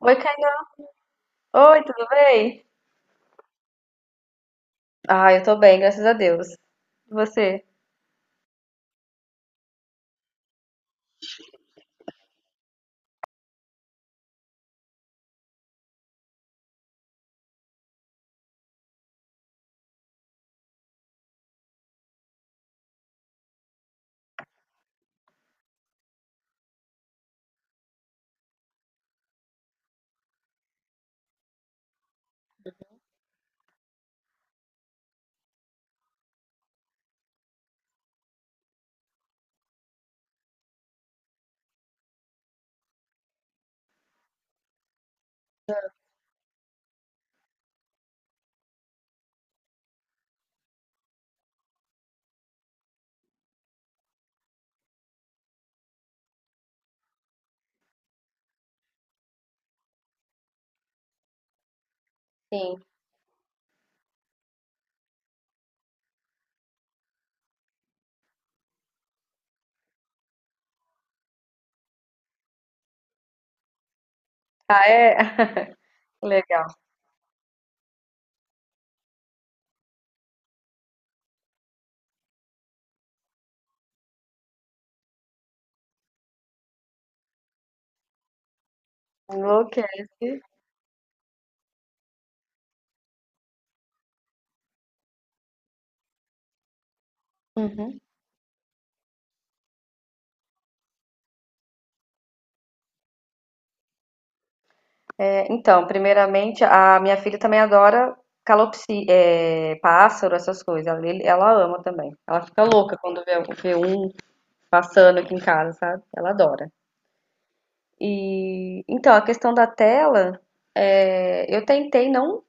Oi, Caio. Oi, tudo bem? Ah, eu tô bem, graças a Deus. E você? Sim. Ah, é? Legal. Enlouquece. Uhum. É, então, primeiramente, a minha filha também adora calopsi, pássaro, essas coisas. Ela ama também. Ela fica louca quando vê um passando aqui em casa, sabe? Ela adora. E então, a questão da tela, eu tentei não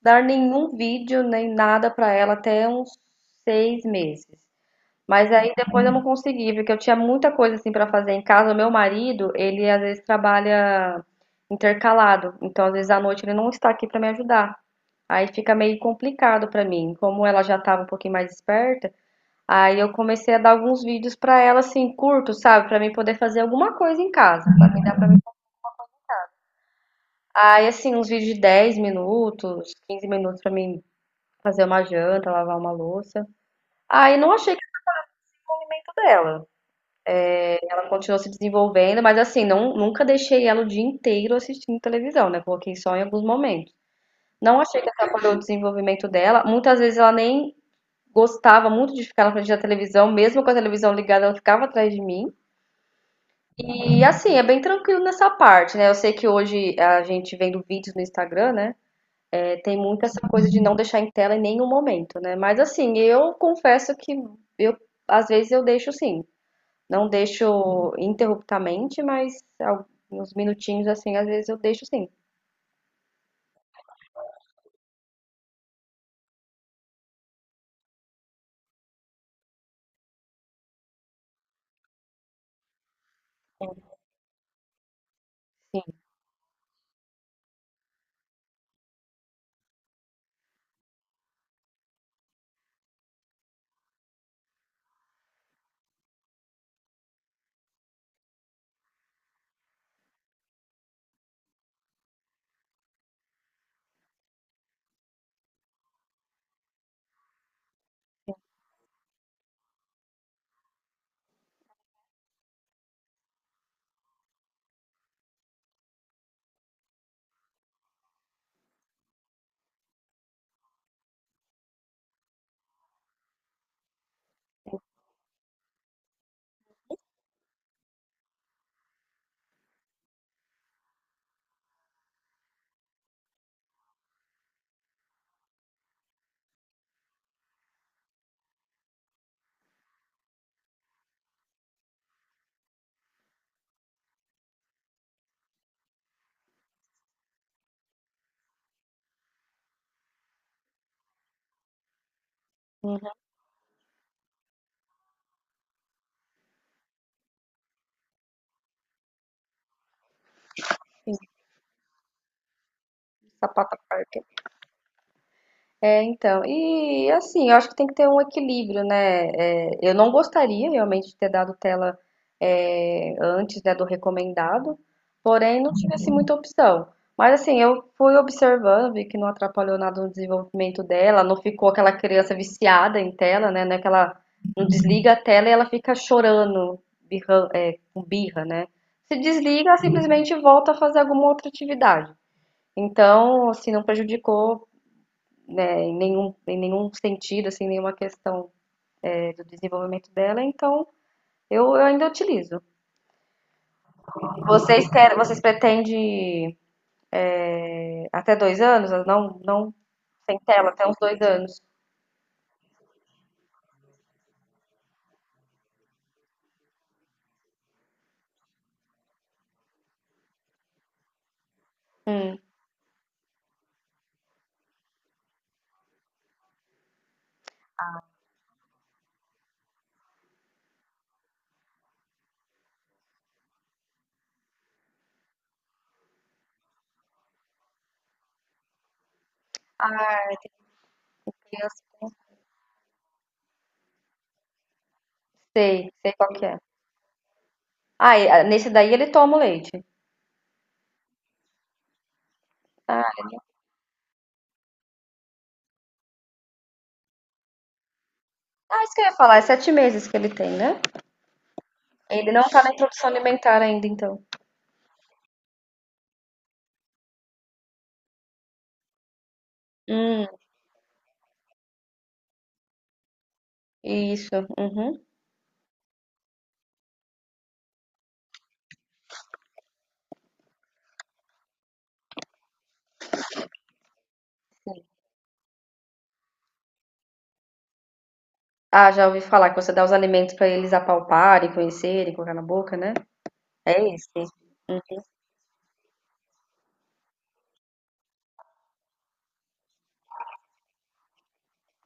dar nenhum vídeo nem nada pra ela até uns seis meses. Mas aí depois eu não consegui, porque eu tinha muita coisa assim para fazer em casa. O meu marido, ele às vezes trabalha intercalado, então às vezes à noite ele não está aqui para me ajudar. Aí fica meio complicado para mim. Como ela já estava um pouquinho mais esperta, aí eu comecei a dar alguns vídeos para ela assim, curtos, sabe, para mim poder fazer alguma coisa em casa, para mim dar para mim. Aí assim, uns vídeos de 10 minutos, 15 minutos para mim fazer uma janta, lavar uma louça. Aí não achei que nem tudo dela. Ela continuou se desenvolvendo, mas assim, não, nunca deixei ela o dia inteiro assistindo televisão, né? Coloquei só em alguns momentos. Não achei que atrapalhou o desenvolvimento dela. Muitas vezes ela nem gostava muito de ficar na frente da televisão, mesmo com a televisão ligada, ela ficava atrás de mim. E assim, é bem tranquilo nessa parte, né? Eu sei que hoje a gente vendo vídeos no Instagram, né? É, tem muito essa coisa de não deixar em tela em nenhum momento, né? Mas assim, eu confesso que eu às vezes eu deixo sim. Não deixo interruptamente, mas alguns minutinhos assim, às vezes eu deixo sim. Sim. Hum, sim, sapato à. É, então, e assim, eu acho que tem que ter um equilíbrio, né? É, eu não gostaria realmente de ter dado tela antes, né, do recomendado, porém não tive assim muita opção. Mas assim, eu fui observando, vi que não atrapalhou nada no desenvolvimento dela, não ficou aquela criança viciada em tela, né? Não é que ela não desliga a tela e ela fica chorando, birra, né? Se desliga, simplesmente volta a fazer alguma outra atividade. Então, assim, não prejudicou, né, em nenhum sentido, assim, nenhuma questão, do desenvolvimento dela, então eu ainda utilizo. Vocês querem, vocês pretendem até 2 anos? Não, não sem tela, até uns 2 anos. Eu sei qual que é. Ah, nesse daí ele toma o leite. Ah, ah, isso que eu ia falar, é 7 meses que ele tem, né? Ele não tá na introdução alimentar ainda, então. Hum, isso. Uhum. Ah, já ouvi falar que você dá os alimentos pra eles apalparem, conhecerem, colocar na boca, né? É isso. Hum.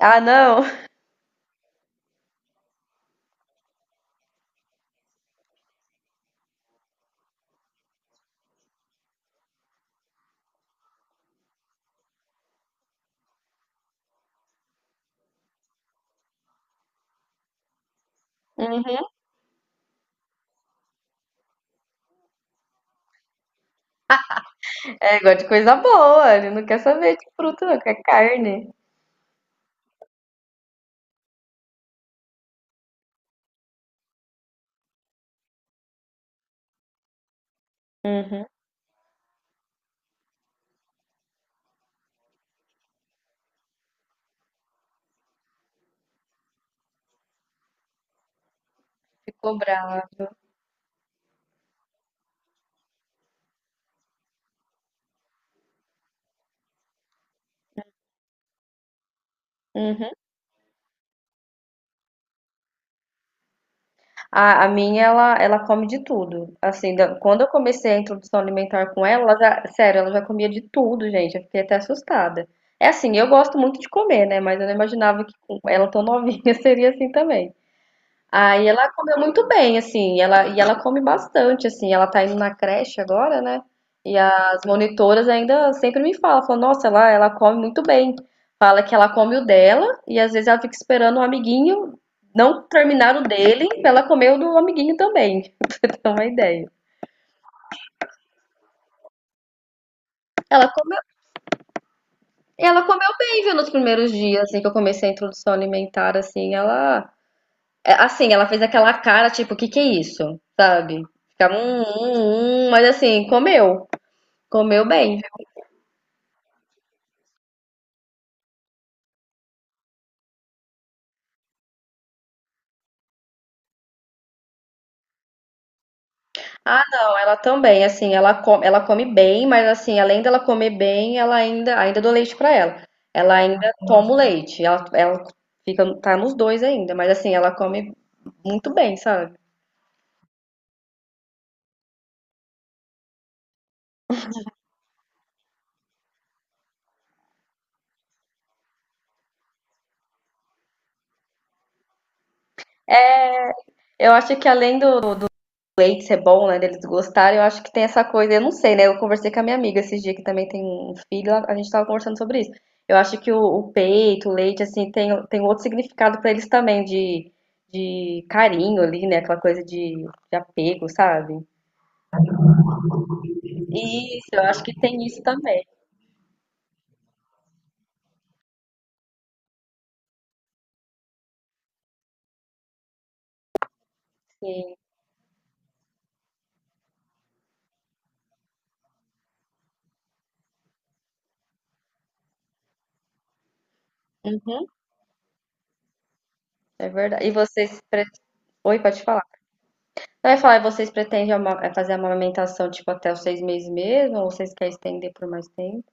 Ah, não. Uhum. É, gosta de coisa boa. Ele não quer saber de fruta, não, quer carne. Uhum. Ficou brava. Uhum. A minha, ela come de tudo. Assim, quando eu comecei a introdução alimentar com ela, ela já, sério, ela já comia de tudo, gente. Eu fiquei até assustada. É assim, eu gosto muito de comer, né? Mas eu não imaginava que com ela tão novinha seria assim também. Aí ela comeu muito bem, assim, ela, e ela come bastante, assim, ela tá indo na creche agora, né? E as monitoras ainda sempre me falam, falam, nossa, ela come muito bem. Fala que ela come o dela e às vezes ela fica esperando o amiguinho não terminar o dele pra ela comer o do amiguinho também, pra você ter uma ideia. Ela comeu, ela comeu bem, viu, nos primeiros dias, assim, que eu comecei a introdução alimentar, assim, ela... É, assim, ela fez aquela cara, tipo, o que que é isso? Sabe? Ficava um, um, um, mas assim, comeu. Comeu bem. Ah, não, ela também, assim, ela come bem, mas assim, além dela comer bem, ela ainda, ainda dou leite pra ela. Ela ainda toma o leite. Ela fica, tá nos dois ainda, mas assim, ela come muito bem, sabe? Eu acho que além do Date ser bom, né? Deles gostarem, eu acho que tem essa coisa, eu não sei, né? Eu conversei com a minha amiga esses dias que também tem um filho, a gente tava conversando sobre isso. Eu acho que o peito, o leite, assim, tem outro significado pra eles também, de, carinho ali, né? Aquela coisa de apego, sabe? Isso, eu acho que tem isso também, sim. Uhum, é verdade. E vocês. Oi, pode falar. Eu ia falar, e vocês pretendem fazer a amamentação, tipo, até os 6 meses mesmo? Ou vocês querem estender por mais tempo?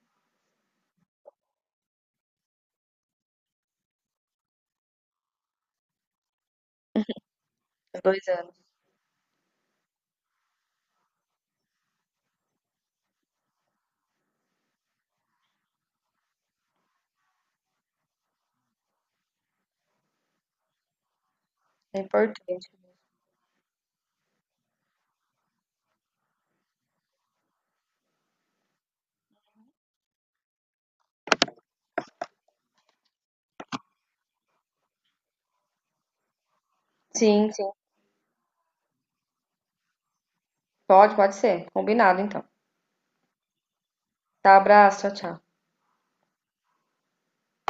2 anos. É importante. Sim, sim. Pode, pode ser. Combinado, então. Tá, abraço. Tchau, tchau.